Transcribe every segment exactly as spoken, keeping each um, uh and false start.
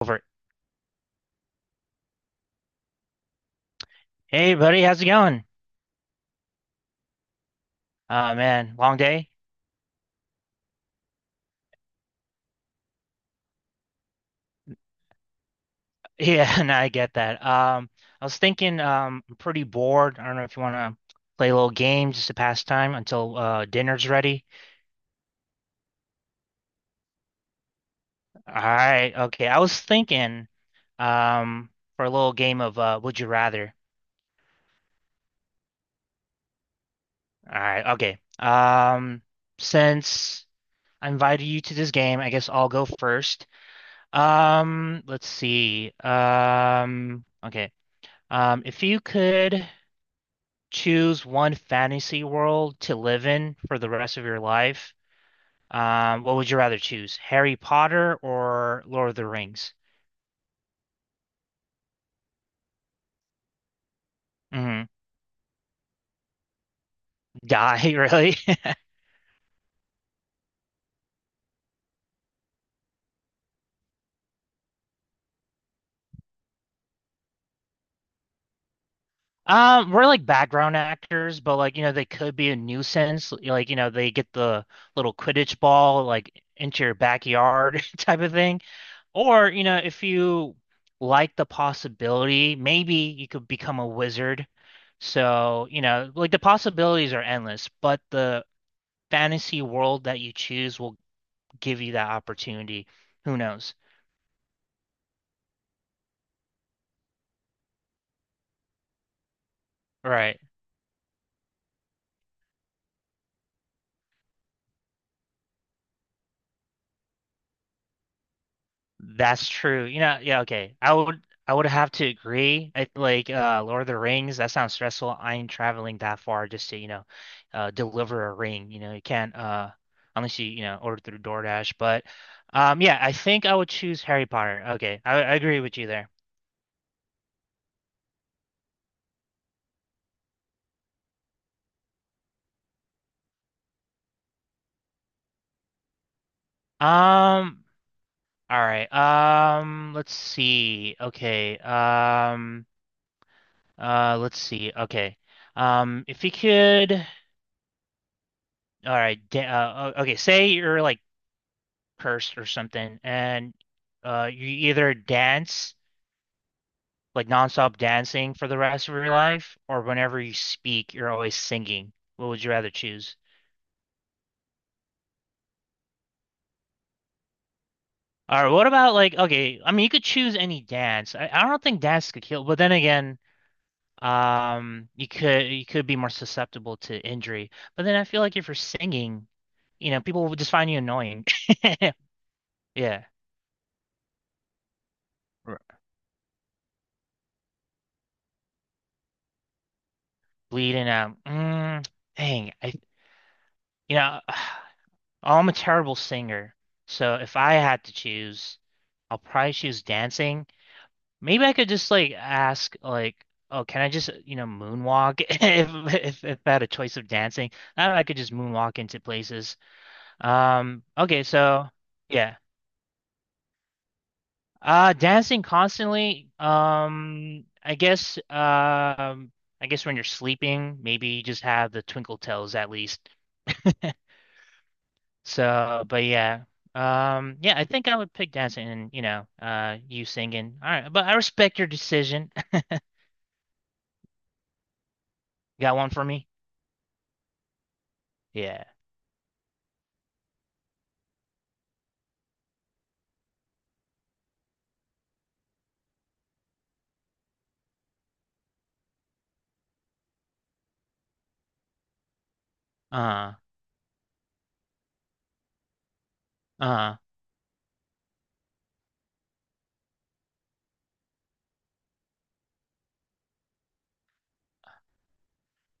Over. Hey, buddy, how's it going? Oh man, long day? Yeah, no, I get that. Um, I was thinking, um, I'm pretty bored. I don't know if you want to play a little game just to pass time until uh dinner's ready. All right, okay. I was thinking, um, for a little game of uh, Would You Rather. All right, okay. Um, since I invited you to this game, I guess I'll go first. Um, let's see. Um, okay. Um, if you could. Choose one fantasy world to live in for the rest of your life, um, what would you rather choose? Harry Potter or Lord of the Rings? hmm Die, really? Um, we're like background actors, but like, you know, they could be a nuisance. Like, you know, they get the little Quidditch ball like into your backyard type of thing. Or, you know, if you like the possibility, maybe you could become a wizard. So, you know, like the possibilities are endless, but the fantasy world that you choose will give you that opportunity. Who knows? Right. That's true. You know, yeah, okay. I would I would have to agree. I, like uh Lord of the Rings, that sounds stressful. I ain't traveling that far just to, you know, uh deliver a ring. You know, you can't uh unless you, you know, order through DoorDash. But um yeah, I think I would choose Harry Potter. Okay. I, I agree with you there. Um all right. Um let's see. Okay. Um Uh, let's see. Okay. Um, if you could, all right. Da uh, o- okay. Say you're like cursed or something, and uh, you either dance like nonstop dancing for the rest of your life, or whenever you speak, you're always singing. What would you rather choose? All right. What about like okay? I mean, you could choose any dance. I, I don't think dance could kill, but then again, um, you could you could be more susceptible to injury. But then I feel like if you're singing, you know, people will just find you annoying. Yeah. R- Bleeding out. Mm, dang. I, you know, I'm a terrible singer. So if I had to choose, I'll probably choose dancing. Maybe I could just like ask like, oh, can I just, you know, moonwalk if if if I had a choice of dancing? I I could just moonwalk into places. Um, okay, so yeah. Uh dancing constantly. Um, I guess um I guess when you're sleeping, maybe you just have the twinkle toes at least. So, but yeah. Um, yeah, I think I would pick dancing and, you know, uh you singing. All right, but I respect your decision. Got one for me? Yeah. Uh, uh.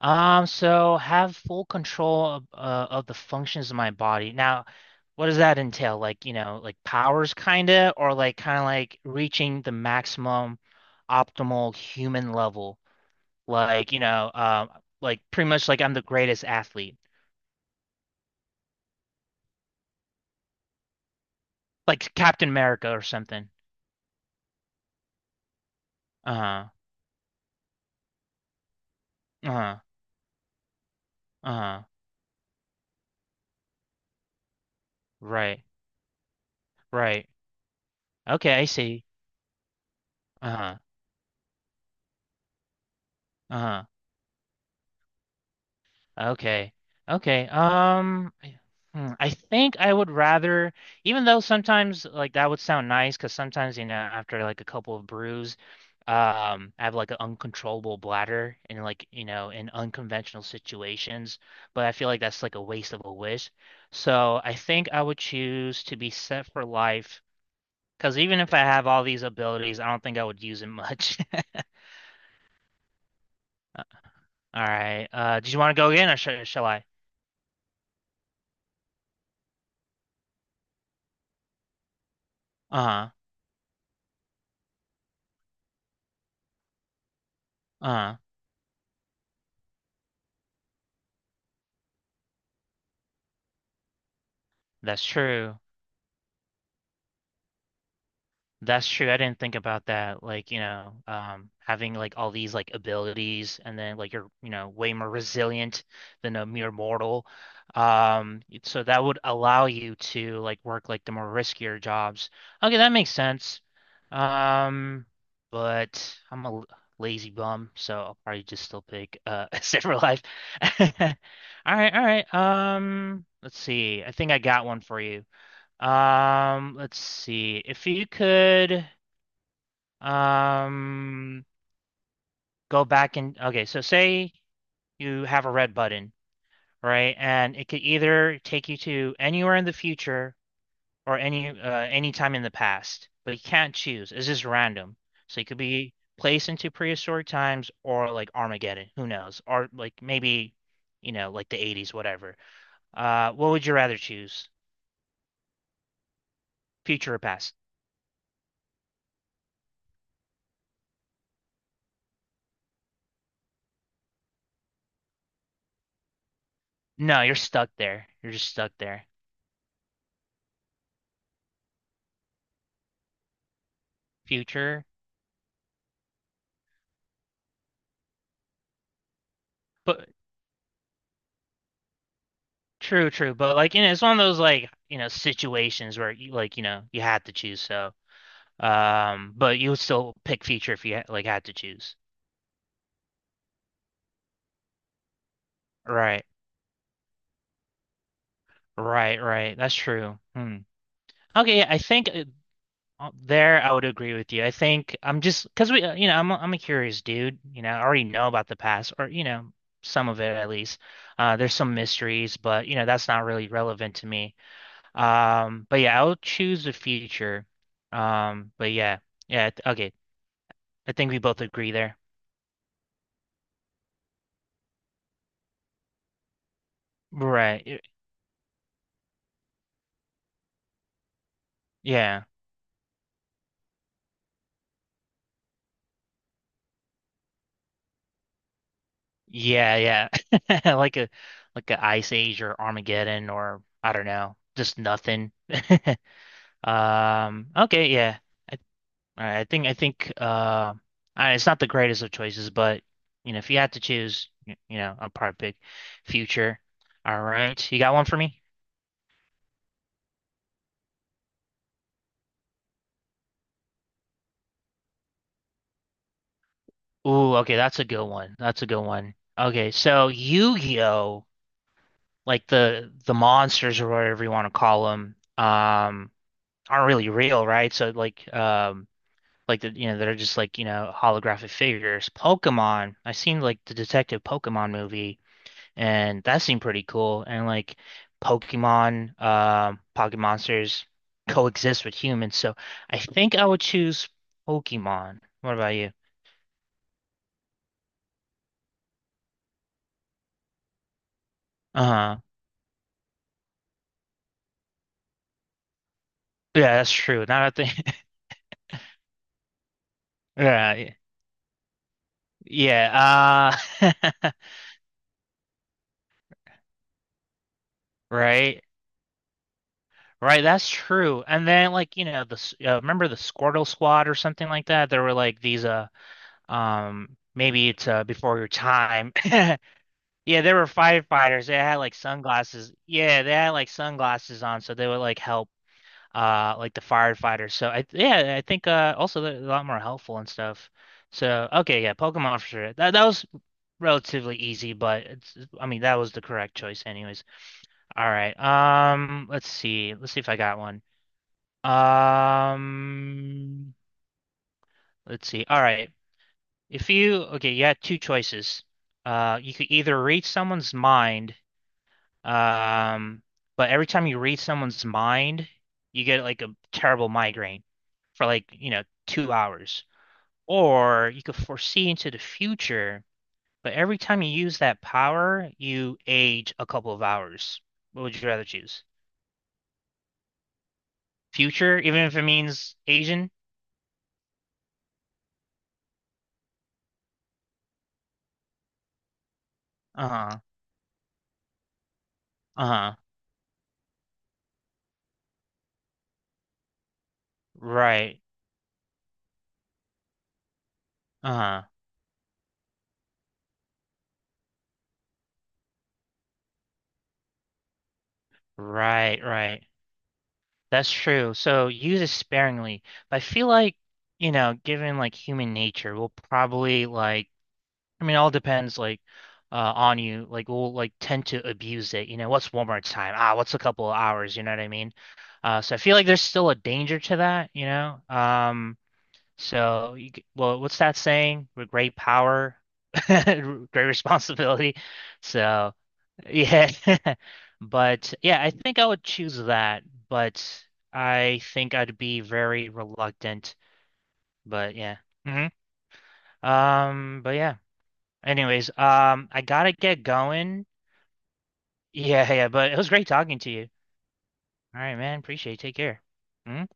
Um, so have full control of uh, of the functions of my body. Now, what does that entail? Like, you know, like powers kinda, or like kinda like reaching the maximum optimal human level. Like, you know, um like pretty much like I'm the greatest athlete. Like Captain America or something. Uh-huh. Uh-huh. Uh-huh. Right. Right. Okay, I see. Uh-huh. Uh-huh. Okay. Okay. Um, I hmm, I think I would rather, even though sometimes like that would sound nice, because sometimes, you know, after like a couple of brews, um, I have like an uncontrollable bladder and like, you know, in unconventional situations, but I feel like that's like a waste of a wish. So I think I would choose to be set for life. Because even if I have all these abilities, I don't think I would use it much. All right. Uh, do you want to go again, or sh shall I? Uh-huh. Uh-huh. That's true. That's true. I didn't think about that. Like, you know, um, having like all these like abilities and then like you're, you know, way more resilient than a mere mortal. Um, so that would allow you to like work like the more riskier jobs. Okay, that makes sense. Um, but I'm a l- lazy bum, so I'll probably just still pick uh Sailor Life. All right, all right. Um, let's see. I think I got one for you. Um, let's see. If you could um go back and okay, so say you have a red button, right? And it could either take you to anywhere in the future or any uh any time in the past, but you can't choose. It's just random. So you could be placed into prehistoric times or like Armageddon, who knows? Or like maybe, you know, like the eighties, whatever. Uh, what would you rather choose? Future or past? No, you're stuck there. You're just stuck there. Future. But true, true. But like, you know, it's one of those like, you know, situations where you like, you know, you had to choose. So, um, but you would still pick Future if you ha like had to choose. Right, right, right. That's true. Hmm. Okay, yeah, I think uh, uh, there I would agree with you. I think I'm just because we, uh, you know, I'm a- I'm a curious dude. You know, I already know about the past, or you know, some of it at least. Uh, there's some mysteries, but you know, that's not really relevant to me. Um, but yeah, I'll choose the future. Um, but yeah, yeah, th- okay. I think we both agree there. Right. y- Yeah. Yeah, yeah. Like a like a Ice Age or Armageddon or I don't know, just nothing. Um, okay, yeah. I, all right, I think I think uh I, it's not the greatest of choices, but you know, if you had to choose, y- you know, I'll probably pick future. All right. You got one for me? Ooh, okay, that's a good one. That's a good one. Okay, so Yu-Gi-Oh, like the the monsters or whatever you want to call them, um, aren't really real, right? So like, um, like the you know they're just like you know holographic figures. Pokemon, I seen like the Detective Pokemon movie, and that seemed pretty cool. And like Pokemon, um, Pocket monsters coexist with humans, so I think I would choose Pokemon. What about you? Uh-huh. Yeah, that's true. Now that I think right. Yeah. Uh right. Right, that's true. And then like, you know, the s- uh, remember the Squirtle Squad or something like that? There were like these uh um maybe it's uh before your time. Yeah, there were firefighters. They had like sunglasses. Yeah, they had like sunglasses on so they would like help uh like the firefighters. So I yeah, I think uh also they're a lot more helpful and stuff. So okay, yeah, Pokemon for sure. That that was relatively easy, but it's I mean that was the correct choice anyways. All right. Um, let's see. Let's see if I got one. Um, let's see. All right. If you okay, you had two choices. Uh, you could either read someone's mind, um, but every time you read someone's mind, you get like a terrible migraine for like, you know, two hours. Or you could foresee into the future, but every time you use that power, you age a couple of hours. What would you rather choose? Future, even if it means Asian? Uh-huh. Uh-huh. Right. Uh-huh. Right, right. That's true. So use it sparingly. But I feel like, you know, given like human nature, we'll probably like I mean, it all depends like uh on you. Like we'll like tend to abuse it. You know, what's one more time? Ah, what's a couple of hours, you know what I mean? Uh so I feel like there's still a danger to that, you know? Um so you, c- well, what's that saying? With great power, great responsibility. So yeah. But yeah, I think I would choose that, but I think I'd be very reluctant. But yeah. hmm Um, but yeah. Anyways, um, I gotta get going. Yeah, yeah, but it was great talking to you. All right, man. Appreciate it. Take care. Mhm.